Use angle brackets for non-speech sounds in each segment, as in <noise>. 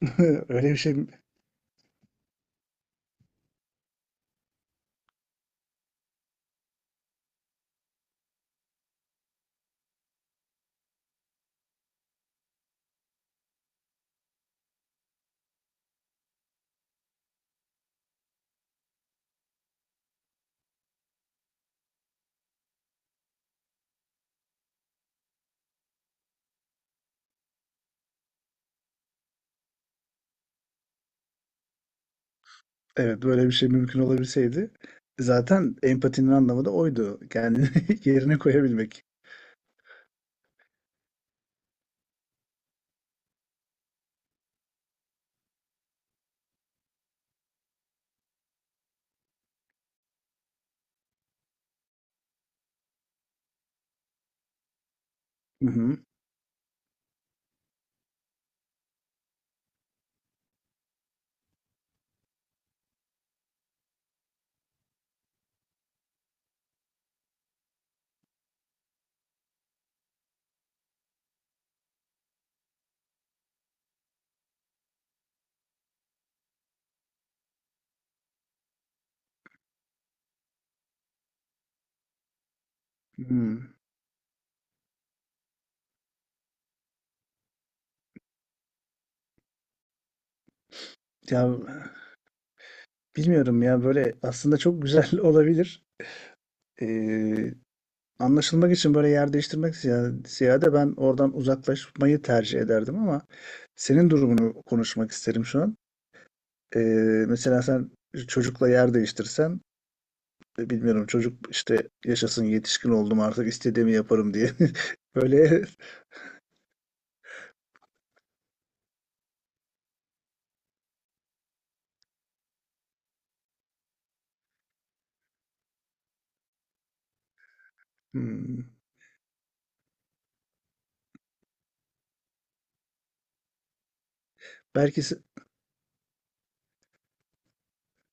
<laughs> Öyle bir şey evet, böyle bir şey mümkün olabilseydi zaten empatinin anlamı da oydu. Kendini <laughs> yerine koyabilmek. Hı hı. Hı. Ya, bilmiyorum ya, böyle aslında çok güzel <laughs> olabilir. Ee, Anlaşılmak için böyle yer değiştirmek ziyade ben oradan uzaklaşmayı tercih ederdim ama senin durumunu konuşmak isterim şu an. Ee, Mesela sen çocukla yer değiştirsen, bilmiyorum, çocuk işte yaşasın, yetişkin oldum artık istediğimi yaparım diye. <laughs> Böyle. Hmm. Belki se-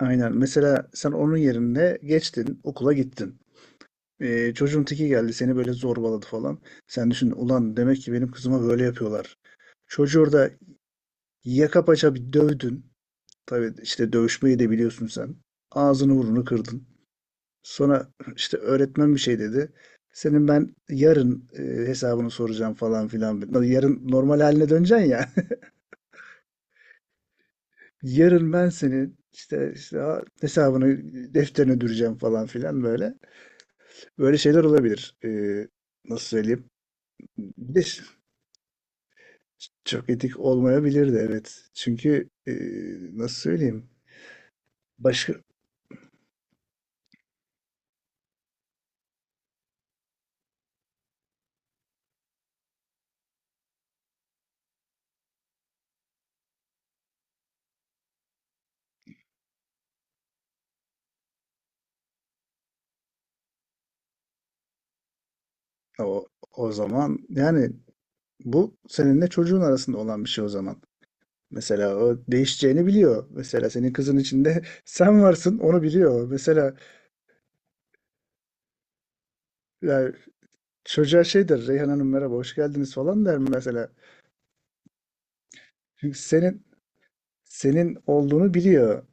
aynen. Mesela sen onun yerine geçtin, okula gittin. Çocuğun teki geldi, seni böyle zorbaladı falan. Sen düşün, ulan demek ki benim kızıma böyle yapıyorlar. Çocuğu orada yaka paça bir dövdün. Tabii işte dövüşmeyi de biliyorsun sen. Ağzını burnunu kırdın. Sonra işte öğretmen bir şey dedi. Senin ben yarın hesabını soracağım falan filan. Yarın normal haline döneceksin ya. <laughs> Yarın ben senin işte, işte hesabını defterine düreceğim falan filan böyle. Böyle şeyler olabilir. Nasıl söyleyeyim? Bir de ş- Çok etik olmayabilir de evet. Çünkü nasıl söyleyeyim? Başka o, o zaman yani bu seninle çocuğun arasında olan bir şey o zaman. Mesela o değişeceğini biliyor. Mesela senin kızın içinde <laughs> sen varsın, onu biliyor. Mesela yani çocuğa şey der, Reyhan Hanım merhaba hoş geldiniz falan der mesela. Çünkü senin senin olduğunu biliyor.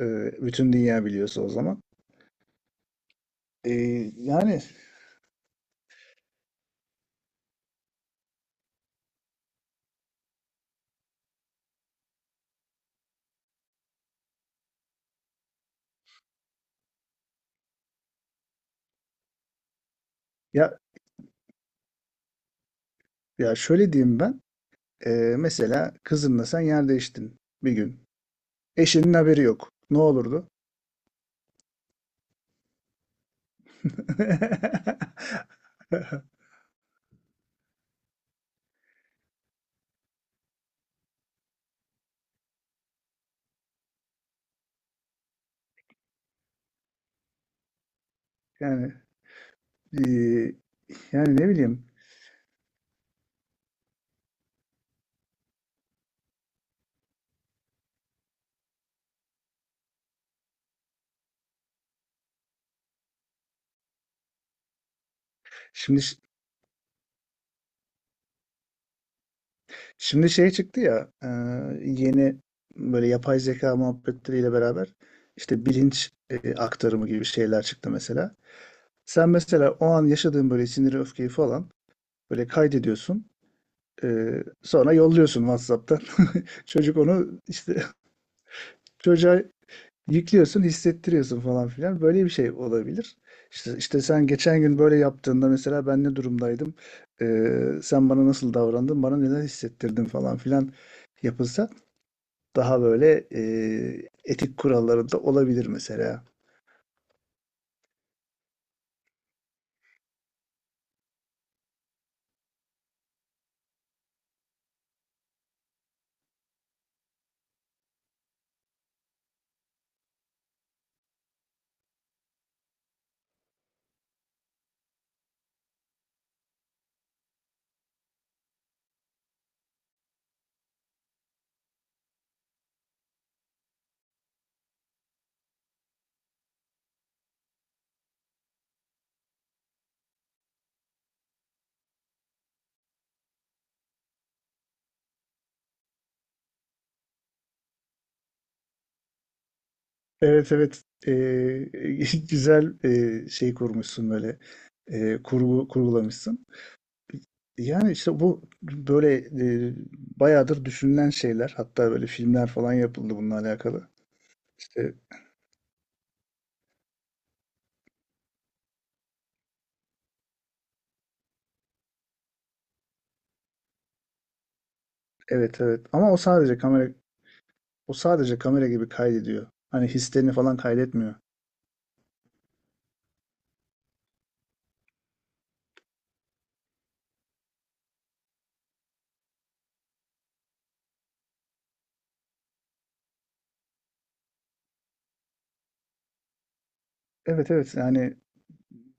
e, Bütün dünya biliyorsa o zaman. E, yani ya, ya şöyle diyeyim ben. e, Mesela kızınla sen yer değiştin bir gün. Eşinin haberi yok. Ne olurdu? <laughs> Yani e, yani ne bileyim. Şimdi şimdi şey çıktı ya, yeni, böyle yapay zeka muhabbetleriyle beraber işte bilinç, aktarımı gibi şeyler çıktı mesela. Sen mesela o an yaşadığın böyle siniri, öfkeyi falan böyle kaydediyorsun. Sonra yolluyorsun WhatsApp'tan. <laughs> Çocuk onu işte <laughs> çocuğa yüklüyorsun, hissettiriyorsun falan filan. Böyle bir şey olabilir. İşte, işte sen geçen gün böyle yaptığında mesela ben ne durumdaydım? Sen bana nasıl davrandın? Bana neler hissettirdin falan filan yapılsa daha böyle etik kurallarında olabilir mesela. Evet, evet. <laughs> Güzel şey kurmuşsun, böyle kurgu kurgulamışsın. Yani işte bu böyle e, bayağıdır düşünülen şeyler. Hatta böyle filmler falan yapıldı bununla alakalı. İşte evet, evet, ama o sadece kamera, o sadece kamera gibi kaydediyor. Hani hislerini falan kaydetmiyor. Evet, evet, yani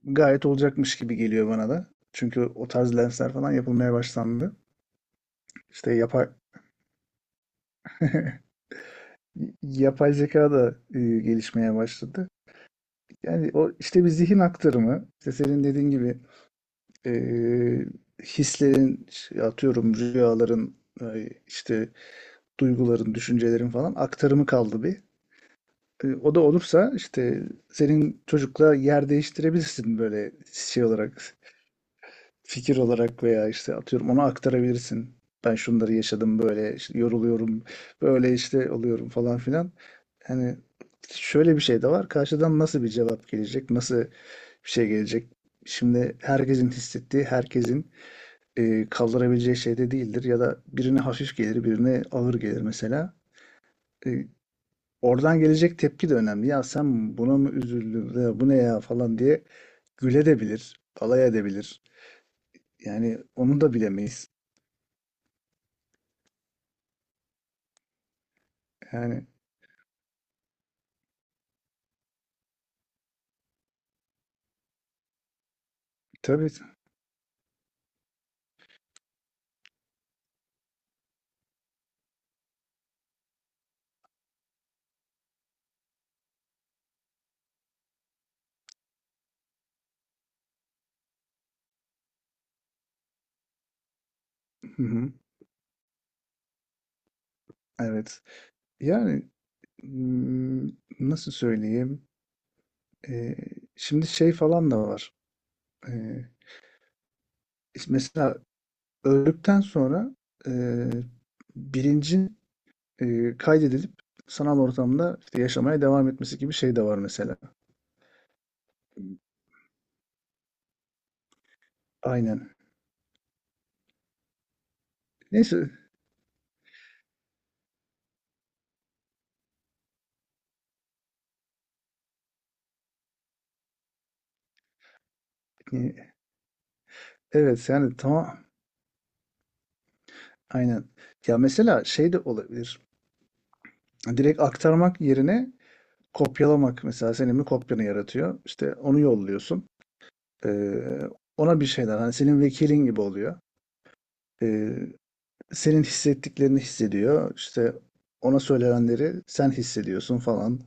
gayet olacakmış gibi geliyor bana da. Çünkü o tarz lensler falan yapılmaya başlandı. İşte yapay <laughs> yapay zeka da gelişmeye başladı. Yani o işte bir zihin aktarımı, işte senin dediğin gibi e, hislerin, işte atıyorum rüyaların, işte duyguların, düşüncelerin falan aktarımı kaldı bir. O da olursa işte senin çocukla yer değiştirebilirsin, böyle şey olarak, fikir olarak veya işte atıyorum ona aktarabilirsin. Ben şunları yaşadım, böyle işte yoruluyorum, böyle işte oluyorum falan filan. Hani şöyle bir şey de var. Karşıdan nasıl bir cevap gelecek, nasıl bir şey gelecek? Şimdi herkesin hissettiği, herkesin kaldırabileceği şeyde değildir, ya da birine hafif gelir, birine ağır gelir mesela. E, Oradan gelecek tepki de önemli. Ya sen buna mı üzüldün, ya bu ne ya falan diye güledebilir, alay edebilir. Yani onu da bilemeyiz. Yani tabii. Hı hı, evet. Yani hmm, nasıl söyleyeyim? E, Şimdi şey falan da var. E, Mesela öldükten sonra e, bilincin kaydedilip sanal ortamda işte yaşamaya devam etmesi gibi şey de var mesela. Aynen. Neyse. e, Evet yani tamam. Aynen. Ya mesela şey de olabilir. Direkt aktarmak yerine kopyalamak, mesela senin bir kopyanı yaratıyor. İşte onu yolluyorsun. Ee, Ona bir şeyler, hani senin vekilin gibi oluyor. Ee, Senin hissettiklerini hissediyor. İşte ona söylenenleri sen hissediyorsun falan.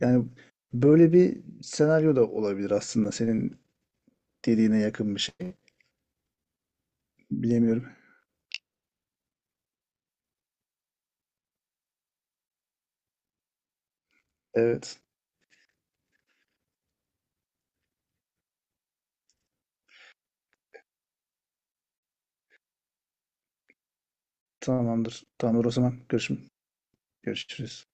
Yani böyle bir senaryo da olabilir, aslında senin dediğine yakın bir şey. Bilemiyorum. Evet. Tamamdır. Tamamdır o zaman. Görüşüm. Görüşürüz.